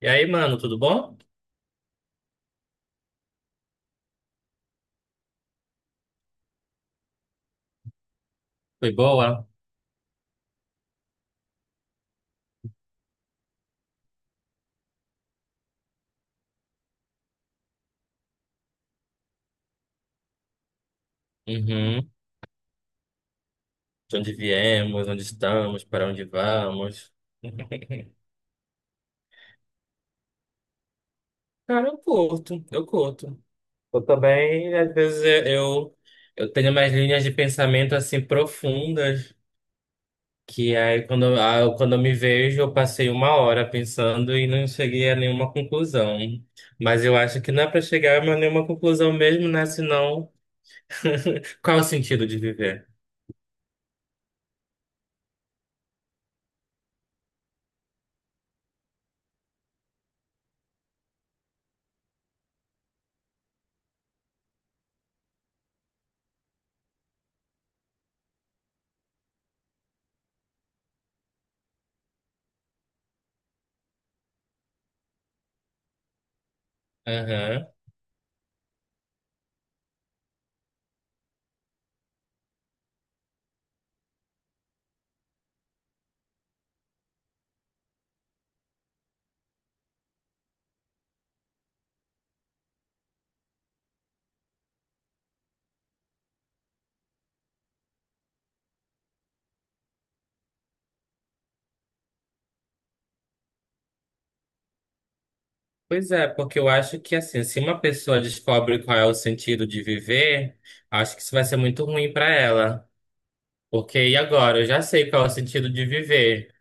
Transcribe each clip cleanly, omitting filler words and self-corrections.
E aí, mano, tudo bom? Foi boa? Uhum. De onde viemos, onde estamos, para onde vamos? Cara, eu curto. Eu também, às vezes, eu tenho umas linhas de pensamento assim profundas, que aí quando eu me vejo, eu passei uma hora pensando e não cheguei a nenhuma conclusão. Mas eu acho que não é para chegar a nenhuma conclusão mesmo, né? Senão, qual é o sentido de viver? Aham. Pois é, porque eu acho que assim, se uma pessoa descobre qual é o sentido de viver, acho que isso vai ser muito ruim para ela. Porque e agora? Eu já sei qual é o sentido de viver.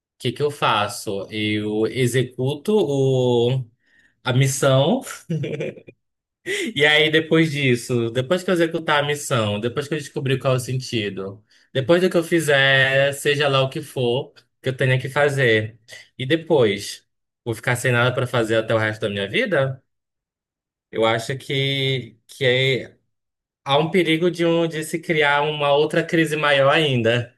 O que que eu faço? Eu executo a missão, e aí depois disso, depois que eu executar a missão, depois que eu descobrir qual é o sentido, depois do que eu fizer, seja lá o que for que eu tenha que fazer, e depois, vou ficar sem nada para fazer até o resto da minha vida? Eu acho que há um perigo de de se criar uma outra crise maior ainda,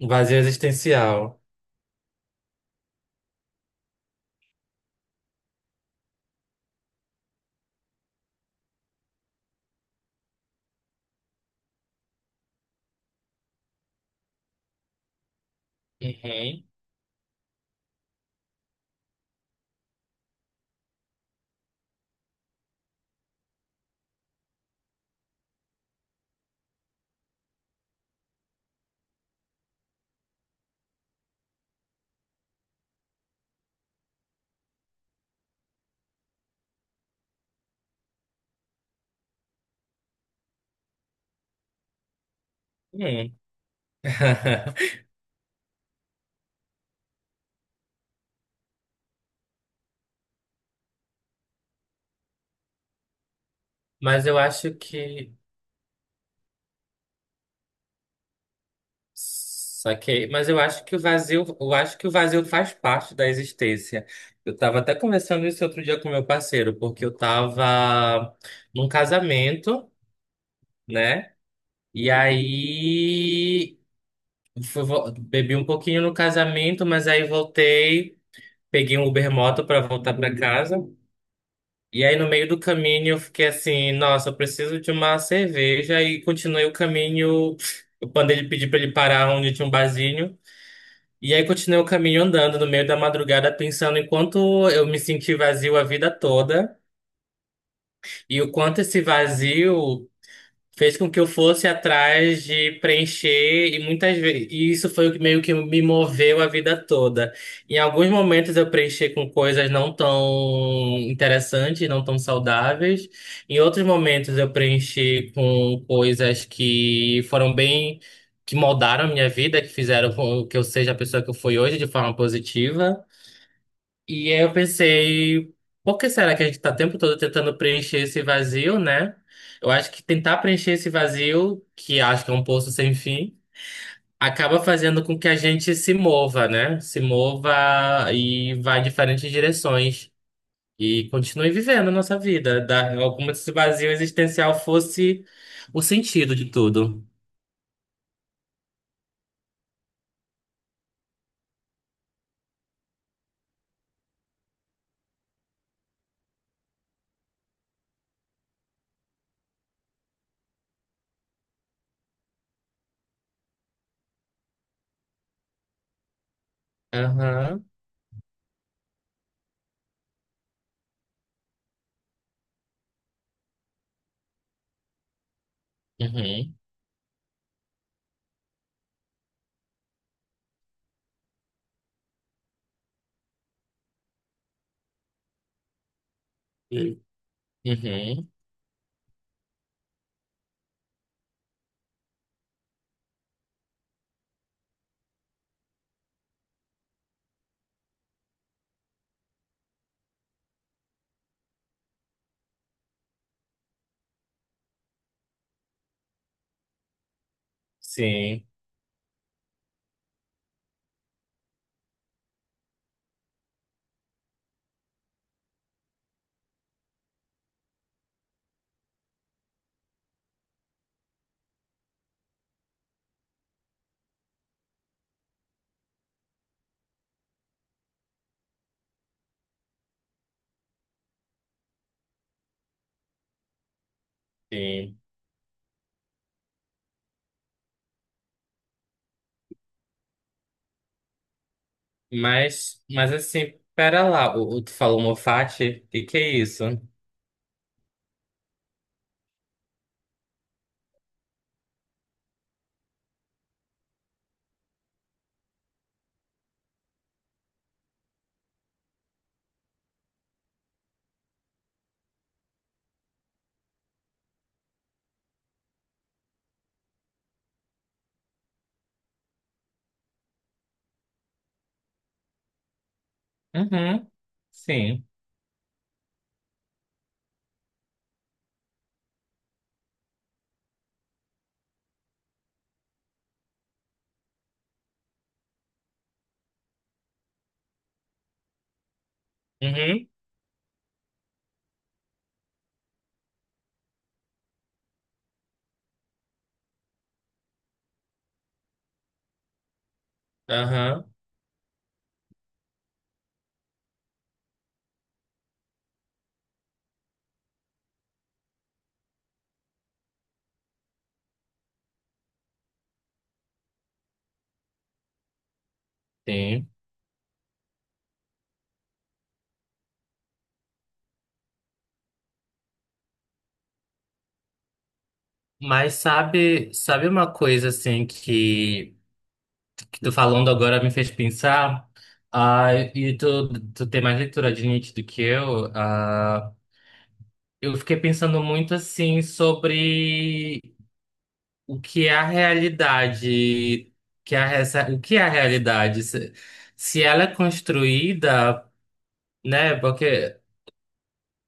um vazio existencial. Uhum. Hum. Mas eu acho que saquei, mas eu acho que o vazio, eu acho que o vazio faz parte da existência. Eu estava até conversando isso outro dia com meu parceiro, porque eu estava num casamento, né? E aí bebi um pouquinho no casamento, mas aí voltei. Peguei um Uber moto para voltar para casa. E aí, no meio do caminho, eu fiquei assim: nossa, eu preciso de uma cerveja. E continuei o caminho. Eu mandei ele pedir para ele parar onde tinha um barzinho. E aí, continuei o caminho andando no meio da madrugada, pensando em quanto eu me senti vazio a vida toda e o quanto esse vazio fez com que eu fosse atrás de preencher e muitas vezes e isso foi o que meio que me moveu a vida toda. Em alguns momentos eu preenchi com coisas não tão interessantes, não tão saudáveis. Em outros momentos eu preenchi com coisas que foram bem, que moldaram a minha vida, que fizeram com que eu seja a pessoa que eu fui hoje de forma positiva. E aí eu pensei, por que será que a gente está o tempo todo tentando preencher esse vazio, né? Eu acho que tentar preencher esse vazio, que acho que é um poço sem fim, acaba fazendo com que a gente se mova, né? Se mova e vá em diferentes direções e continue vivendo a nossa vida, como se esse vazio existencial fosse o sentido de tudo. Aham. Uhum. Uhum. Sim, sim. Mas, pera lá, tu falou Moffat? O que que é isso? Uhum, sim. Uhum, aham, sim. Mas sabe, sabe uma coisa assim que tu falando agora me fez pensar? Ah, e tu tem mais leitura de Nietzsche do que eu? Ah, eu fiquei pensando muito assim sobre o que é a realidade, que é a, essa- o que é a realidade? Se ela é construída. Né? Porque,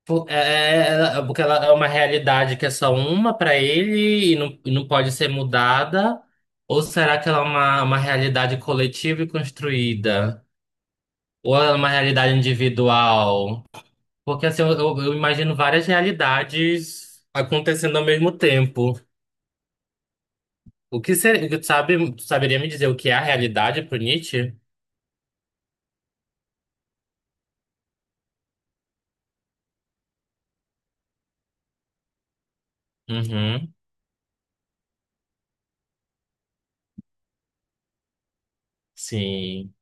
porque ela é uma realidade que é só uma para ele e não pode ser mudada? Ou será que ela é uma realidade coletiva e construída? Ou ela é uma realidade individual? Porque assim, eu imagino várias realidades acontecendo ao mesmo tempo. O que seria, tu sabe, tu saberia me dizer o que é a realidade pro Nietzsche? Uhum, sim.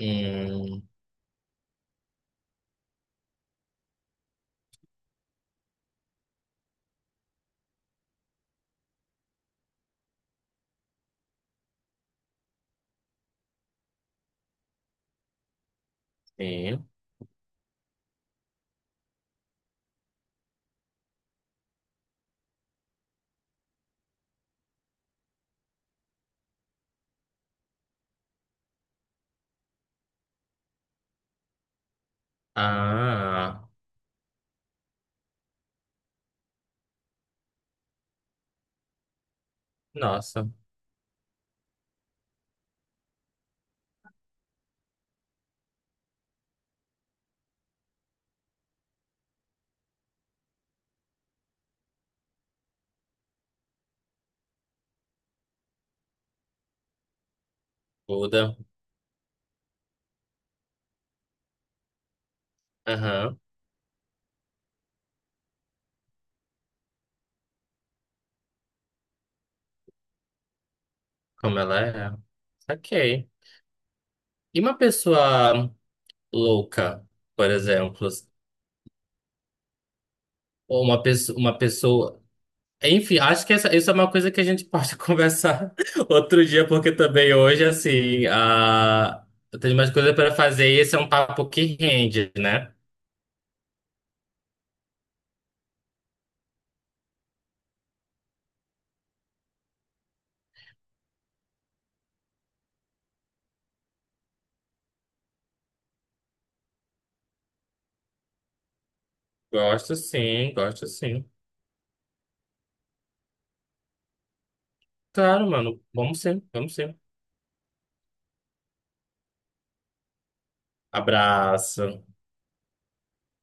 Hum, sim. Ah, nossa, Buda. Aham, como ela é. Saquei. E uma pessoa louca, por exemplo, ou uma pessoa, enfim, acho que essa, isso é uma coisa que a gente pode conversar outro dia, porque também hoje, assim, a... eu tenho umas coisas para fazer e esse é um papo que rende, né? Gosto sim, gosto sim. Claro, mano, vamos sim, vamos sim. Abraço.